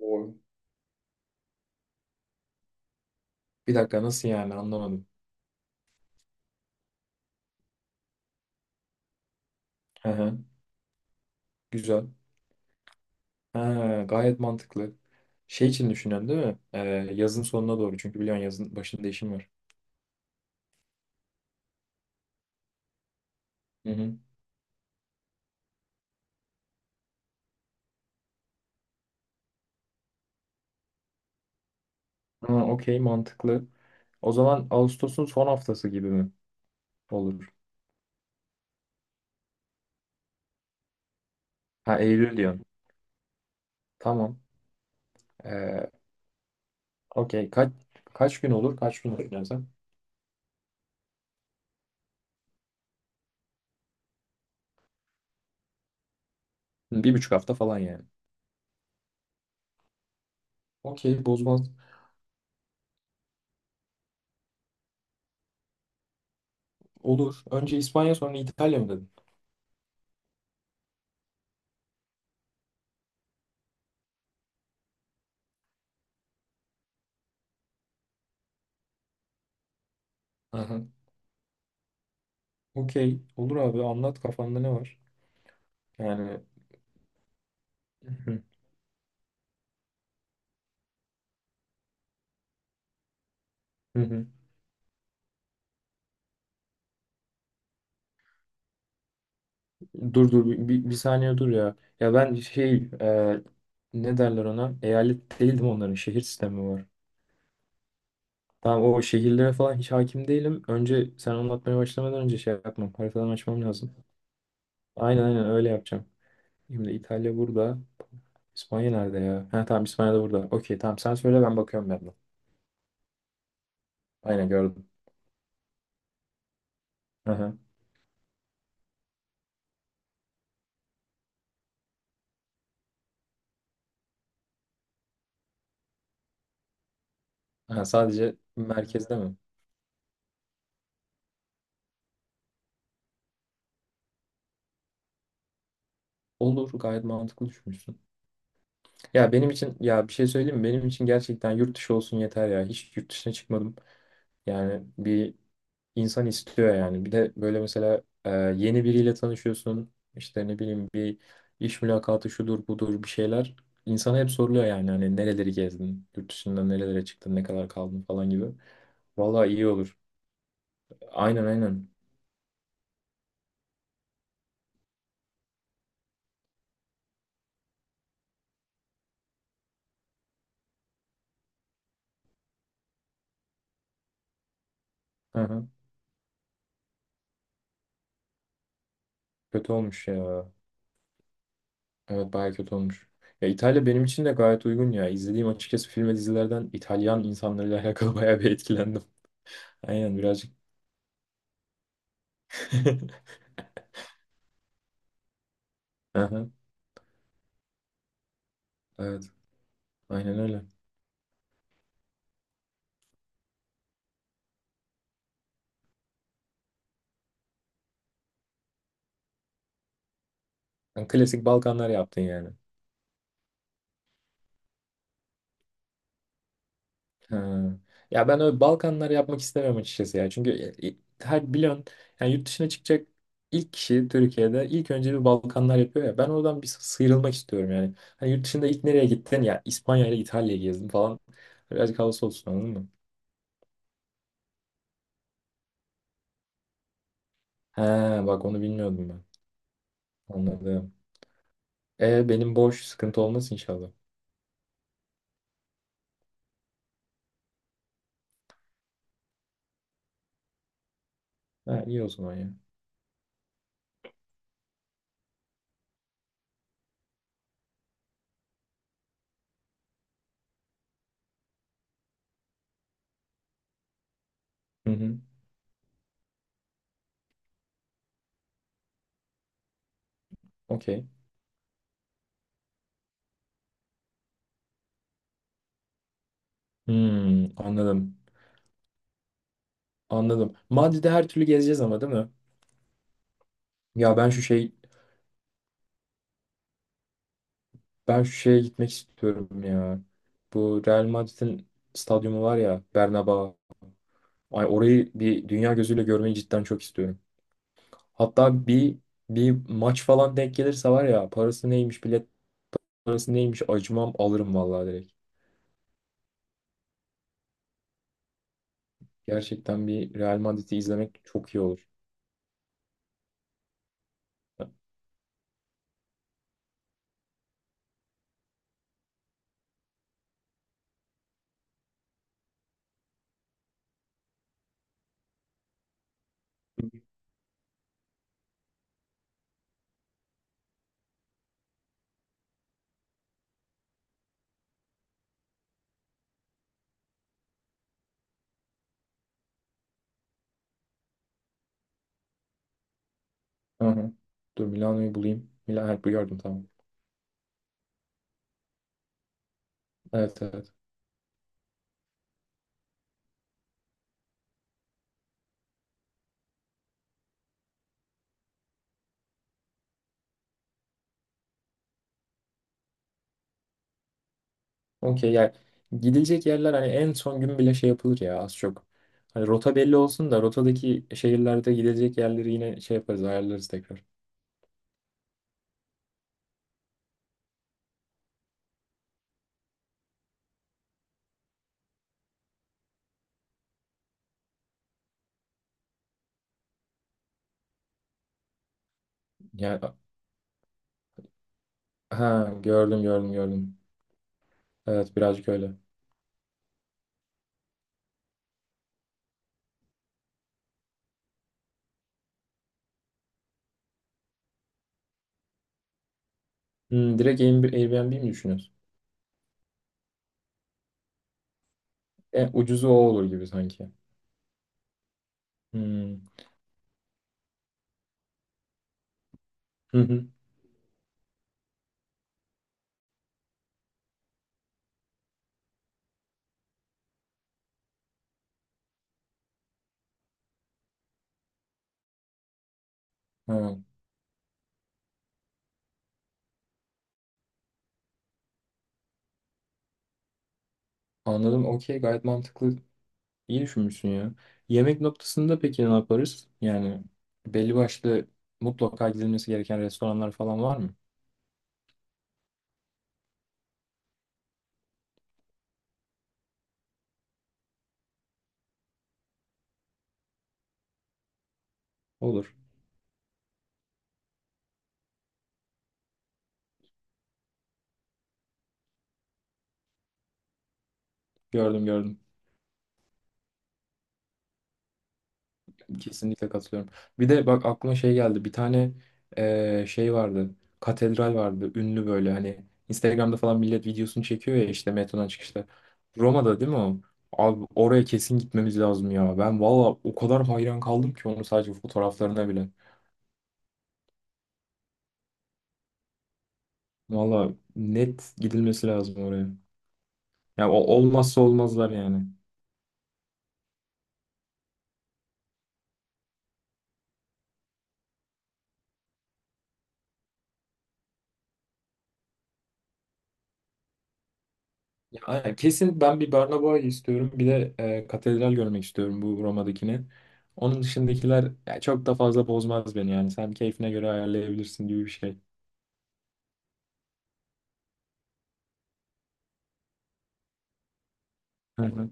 O. Bir dakika nasıl yani anlamadım. Hı hı. Güzel. Ha, gayet mantıklı. Şey için düşünüyorsun değil mi? Yazın sonuna doğru. Çünkü biliyorsun yazın başında işim var. Hı hı. Ha, okey mantıklı. O zaman Ağustos'un son haftası gibi mi olur? Ha Eylül diyorsun. Tamam. Ee, Okey. Kaç gün olur? Kaç gün düşünüyorsun sen? Hı, bir buçuk hafta falan yani. Okey bozmaz. Olur. Önce İspanya sonra İtalya mı dedin? Aha. Okey. Olur abi anlat kafanda ne var? Yani. Hı hı. Hı hı. Dur dur bir saniye dur ya. Ya ben şey ne derler ona? Eyalet değildim onların şehir sistemi var. Tamam o şehirlere falan hiç hakim değilim. Önce sen anlatmaya başlamadan önce şey yapmam. Haritadan açmam lazım. Aynen aynen öyle yapacağım. Şimdi İtalya burada. İspanya nerede ya? Ha tamam İspanya da burada. Okey tamam sen söyle ben bakıyorum ben de. Aynen gördüm. Hı hı. Ha, sadece merkezde mi? Olur gayet mantıklı düşünmüşsün. Ya benim için ya bir şey söyleyeyim mi? Benim için gerçekten yurt dışı olsun yeter ya. Hiç yurt dışına çıkmadım. Yani bir insan istiyor yani. Bir de böyle mesela yeni biriyle tanışıyorsun. İşte ne bileyim bir iş mülakatı şudur budur bir şeyler. İnsana hep soruluyor yani hani nereleri gezdin, yurt dışında nerelere çıktın, ne kadar kaldın falan gibi. Vallahi iyi olur. Aynen aynen. Hı hı. Kötü olmuş ya. Evet bayağı kötü olmuş. Ya İtalya benim için de gayet uygun ya. İzlediğim açıkçası film ve dizilerden İtalyan insanlarıyla alakalı bayağı bir etkilendim. Aynen birazcık. Aha, evet aynen öyle. Yani klasik Balkanlar yaptın yani. Ha. Ya ben öyle Balkanlar yapmak istemem açıkçası ya. Çünkü her biliyorsun yani yurt dışına çıkacak ilk kişi Türkiye'de ilk önce bir Balkanlar yapıyor ya. Ben oradan bir sıyrılmak istiyorum yani. Hani yurt dışında ilk nereye gittin? Ya İspanya ile İtalya'yı gezdim falan. Birazcık havası olsun anladın mı? He, bak onu bilmiyordum ben. Anladım. E benim boş sıkıntı olmaz inşallah. Ha, iyi o zaman ya. Hı hı. Okey. Hmm, anladım. Anladım. Madrid'de her türlü gezeceğiz ama değil mi? Ya ben şu şeye gitmek istiyorum ya. Bu Real Madrid'in stadyumu var ya Bernabéu. Ay orayı bir dünya gözüyle görmeyi cidden çok istiyorum. Hatta bir maç falan denk gelirse var ya parası neymiş bilet parası neymiş acımam alırım vallahi direkt. Gerçekten bir Real Madrid'i izlemek çok iyi olur. Hı hı. Dur Milano'yu bulayım. Milano, evet, bu gördüm tamam. Evet evet. Okey yani gidilecek yerler hani en son gün bile şey yapılır ya az çok. Hani rota belli olsun da rotadaki şehirlerde gidilecek yerleri yine şey yaparız ayarlarız tekrar. Yani ha gördüm. Evet birazcık öyle. Hmm, direkt Airbnb mi düşünüyorsun? En ucuzu o olur gibi sanki. Hmm. Hı hı. Ha, anladım. Okey gayet mantıklı. İyi düşünmüşsün ya. Yemek noktasında peki ne yaparız? Yani belli başlı mutlaka gidilmesi gereken restoranlar falan var mı? Olur. Gördüm. Kesinlikle katılıyorum. Bir de bak aklıma şey geldi. Bir tane şey vardı. Katedral vardı. Ünlü böyle hani Instagram'da falan millet videosunu çekiyor ya işte metrodan çıkışta. Roma'da değil mi o? Abi oraya kesin gitmemiz lazım ya. Ben valla o kadar hayran kaldım ki onu sadece fotoğraflarına bile. Valla net gidilmesi lazım oraya. Ya olmazsa olmazlar yani. Ya, aynen, kesin ben bir Barnaboy istiyorum. Bir de katedral görmek istiyorum bu Roma'dakini. Onun dışındakiler ya, çok da fazla bozmaz beni yani. Sen keyfine göre ayarlayabilirsin gibi bir şey. Hı hı.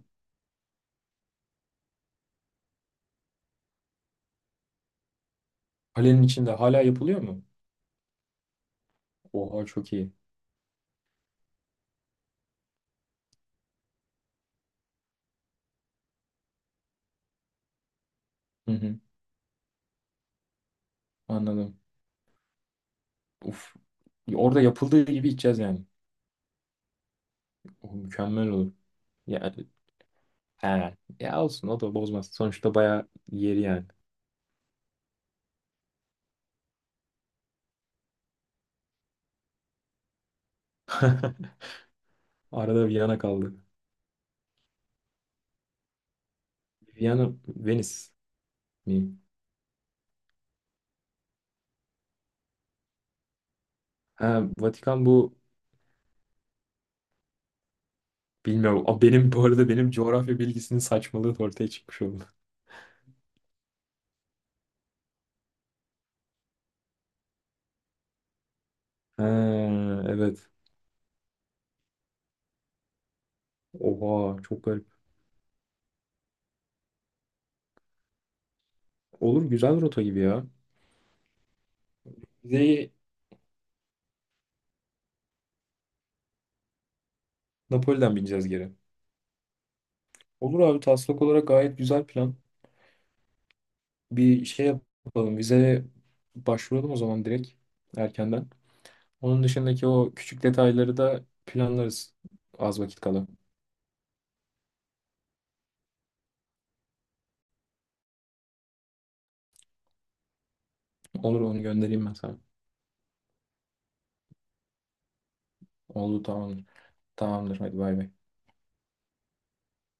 Kalenin içinde hala yapılıyor mu? Oha çok iyi. Hı hı. Anladım. Uf. Orada yapıldığı gibi içeceğiz yani. Oh, mükemmel olur. Ya, he. Ya olsun o da bozmaz. Sonuçta bayağı yeri yani. Arada Viyana kaldı. Viyana, Venice mi? Ha, Vatikan bu bilmiyorum. A, benim bu arada benim coğrafya bilgisinin saçmalığı da ortaya çıkmış oldu. Ha, evet. Oha çok garip. Olur güzel rota gibi ya. Bizeyi Napoli'den bineceğiz geri. Olur abi taslak olarak gayet güzel plan. Bir şey yapalım. Vizeye başvuralım o zaman direkt erkenden. Onun dışındaki o küçük detayları da planlarız az vakit kala. Olur onu göndereyim ben sana. Oldu tamamdır. Tamamdır hadi bay bay.